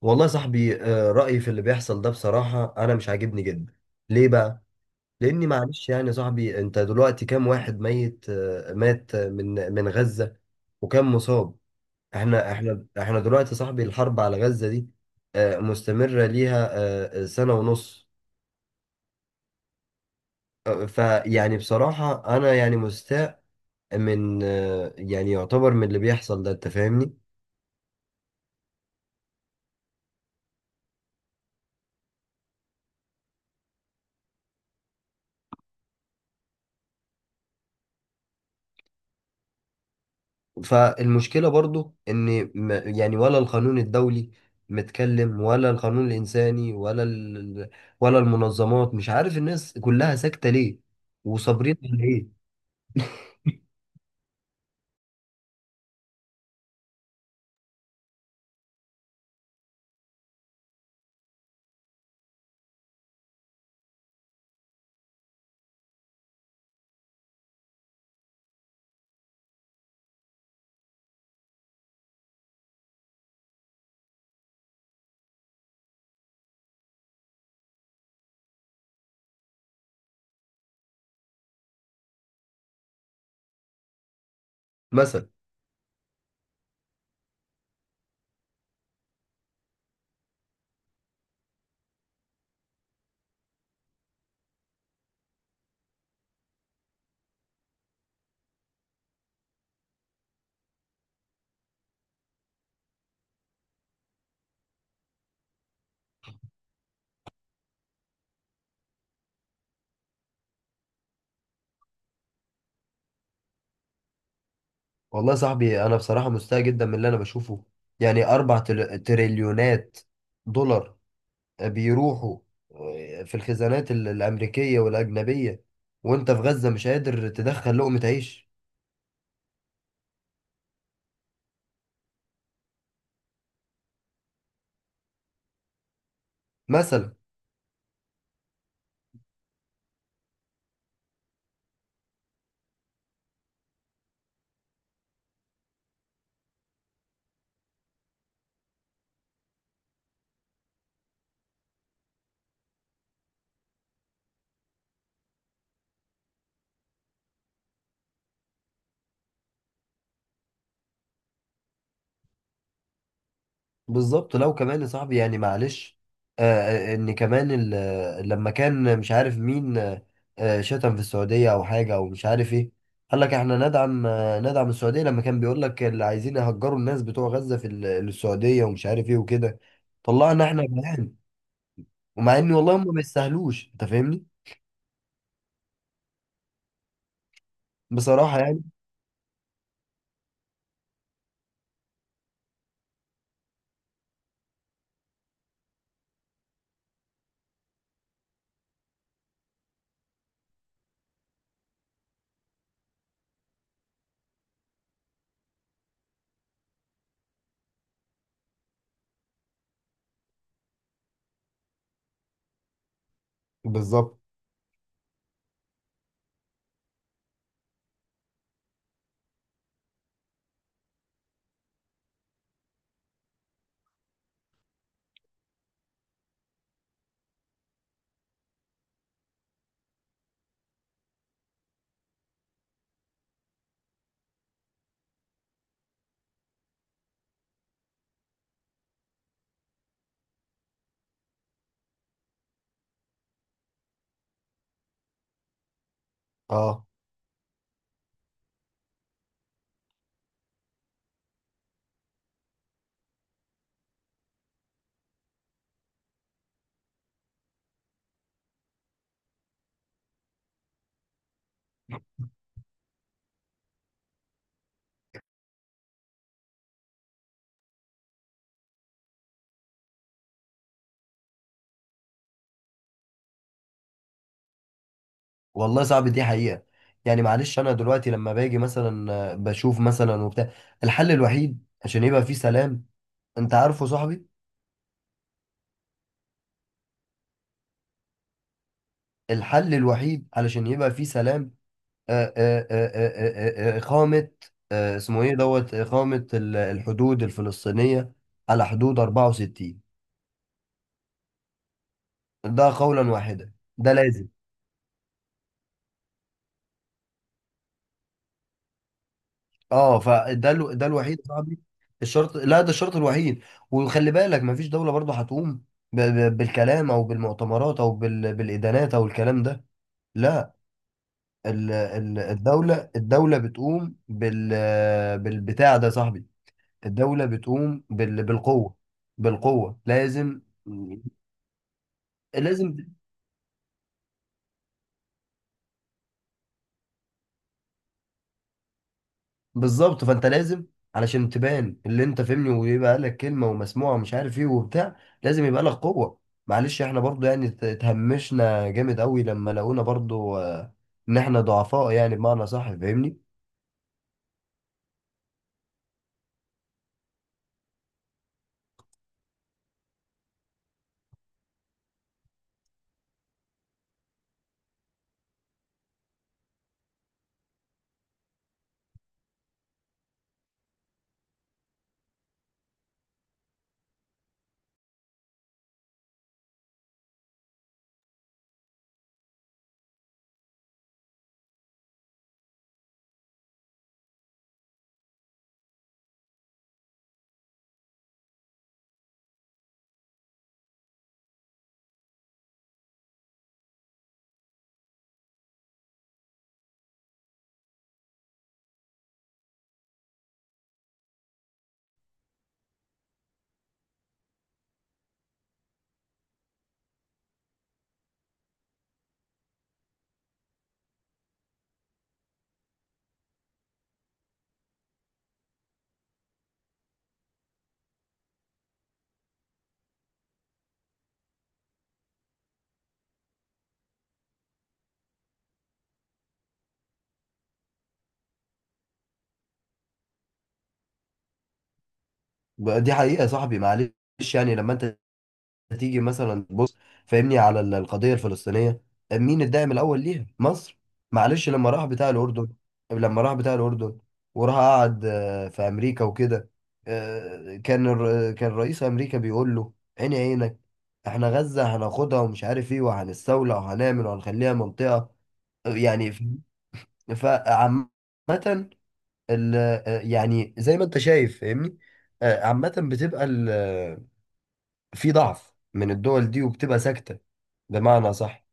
والله يا صاحبي رأيي في اللي بيحصل ده بصراحة أنا مش عاجبني جدا. ليه بقى؟ لأني معلش يعني يا صاحبي أنت دلوقتي كام واحد ميت مات من غزة وكام مصاب؟ إحنا دلوقتي يا صاحبي الحرب على غزة دي مستمرة ليها سنة ونص. فيعني بصراحة أنا يعني مستاء من يعني يعتبر من اللي بيحصل ده. أنت فاهمني؟ فالمشكلة برضو ان يعني ولا القانون الدولي متكلم، ولا القانون الانساني، ولا ولا المنظمات، مش عارف الناس كلها ساكتة ليه وصابرين على ايه؟ مثلا والله يا صاحبي انا بصراحة مستاء جدا من اللي انا بشوفه. يعني اربع تريليونات دولار بيروحوا في الخزانات الامريكية والاجنبية وانت في غزة مش قادر تدخل لقمة عيش. مثلا بالظبط. لو كمان يا صاحبي يعني معلش، آه ان كمان لما كان مش عارف مين، شتم في السعوديه او حاجه او مش عارف ايه، قال لك احنا ندعم، ندعم السعوديه. لما كان بيقول لك اللي عايزين يهجروا الناس بتوع غزه في السعوديه ومش عارف ايه وكده، طلعنا احنا بنعان، ومع ان والله هم ما يستاهلوش. انت فاهمني؟ بصراحه يعني. بالظبط. اه والله صعب دي حقيقه. يعني معلش انا دلوقتي لما باجي مثلا بشوف مثلا وبتاع، الحل الوحيد عشان يبقى في سلام، انت عارفه صاحبي، الحل الوحيد علشان يبقى فيه سلام إقامة، اسمه ايه دوت، إقامة الحدود الفلسطينية على حدود 64. ده قولا واحدا ده لازم. اه فده ده الوحيد يا صاحبي الشرط. لا ده الشرط الوحيد. وخلي بالك مفيش دولة برضه هتقوم بالكلام او بالمؤتمرات او بالإدانات او الكلام ده. لا، الدولة بتقوم بال، بالبتاع ده يا صاحبي. الدولة بتقوم بالقوة. بالقوة لازم. لازم. بالظبط. فانت لازم علشان تبان اللي انت فهمني ويبقى لك كلمة ومسموعة ومش عارف ايه وبتاع، لازم يبقى لك قوة. معلش احنا برضو يعني اتهمشنا جامد قوي لما لقونا برضو ان احنا ضعفاء يعني بمعنى صح. فاهمني؟ بقى دي حقيقة يا صاحبي. معلش يعني لما انت هتيجي مثلا بص، فاهمني، على القضية الفلسطينية مين الداعم الأول ليها؟ مصر. معلش لما راح بتاع الأردن، لما راح بتاع الأردن وراح قعد في أمريكا وكده، كان رئيس أمريكا بيقول له عيني عينك، احنا غزة هناخدها ومش عارف ايه، وهنستولى وهنعمل وهنخليها منطقة يعني فعامة يعني زي ما انت شايف. فاهمني؟ عامة بتبقى في ضعف من الدول دي وبتبقى ساكتة، بمعنى صح.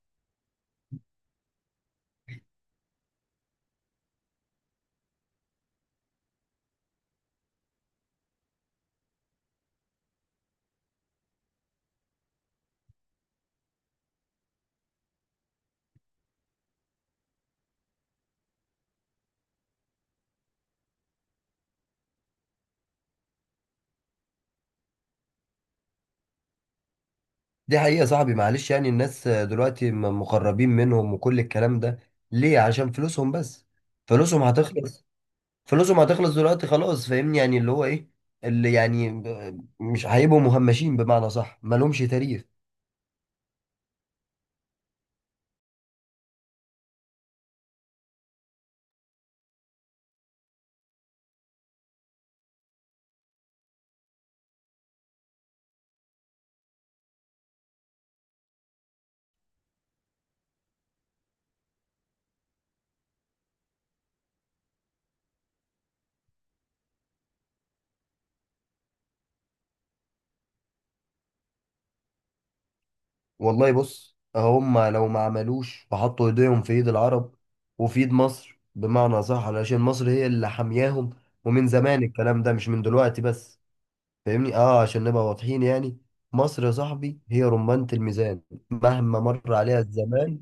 دي حقيقة يا صاحبي معلش. يعني الناس دلوقتي مقربين منهم وكل الكلام ده ليه؟ عشان فلوسهم بس. فلوسهم هتخلص. فلوسهم هتخلص دلوقتي خلاص. فاهمني يعني اللي هو ايه، اللي يعني مش هيبقوا مهمشين، بمعنى صح مالهمش تاريخ. والله بص، هم لو ما عملوش وحطوا ايديهم في ايد العرب وفي ايد مصر، بمعنى صح، علشان مصر هي اللي حامياهم، ومن زمان الكلام ده مش من دلوقتي بس. فاهمني؟ اه عشان نبقى واضحين يعني، مصر يا صاحبي هي رمانة الميزان مهما مر عليها الزمان.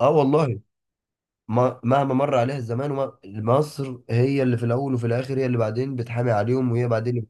اه والله، مهما مر عليها الزمان، مصر هي اللي في الاول وفي الاخر، هي اللي بعدين بتحامي عليهم وهي بعدين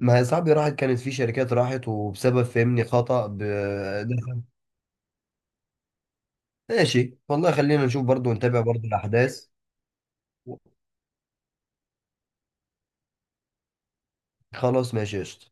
ما هي صاحبي راحت، كانت في شركات راحت وبسبب فهمني خطأ دخل. ماشي والله، خلينا نشوف برضو ونتابع برضو الاحداث. خلاص ماشي قشطة.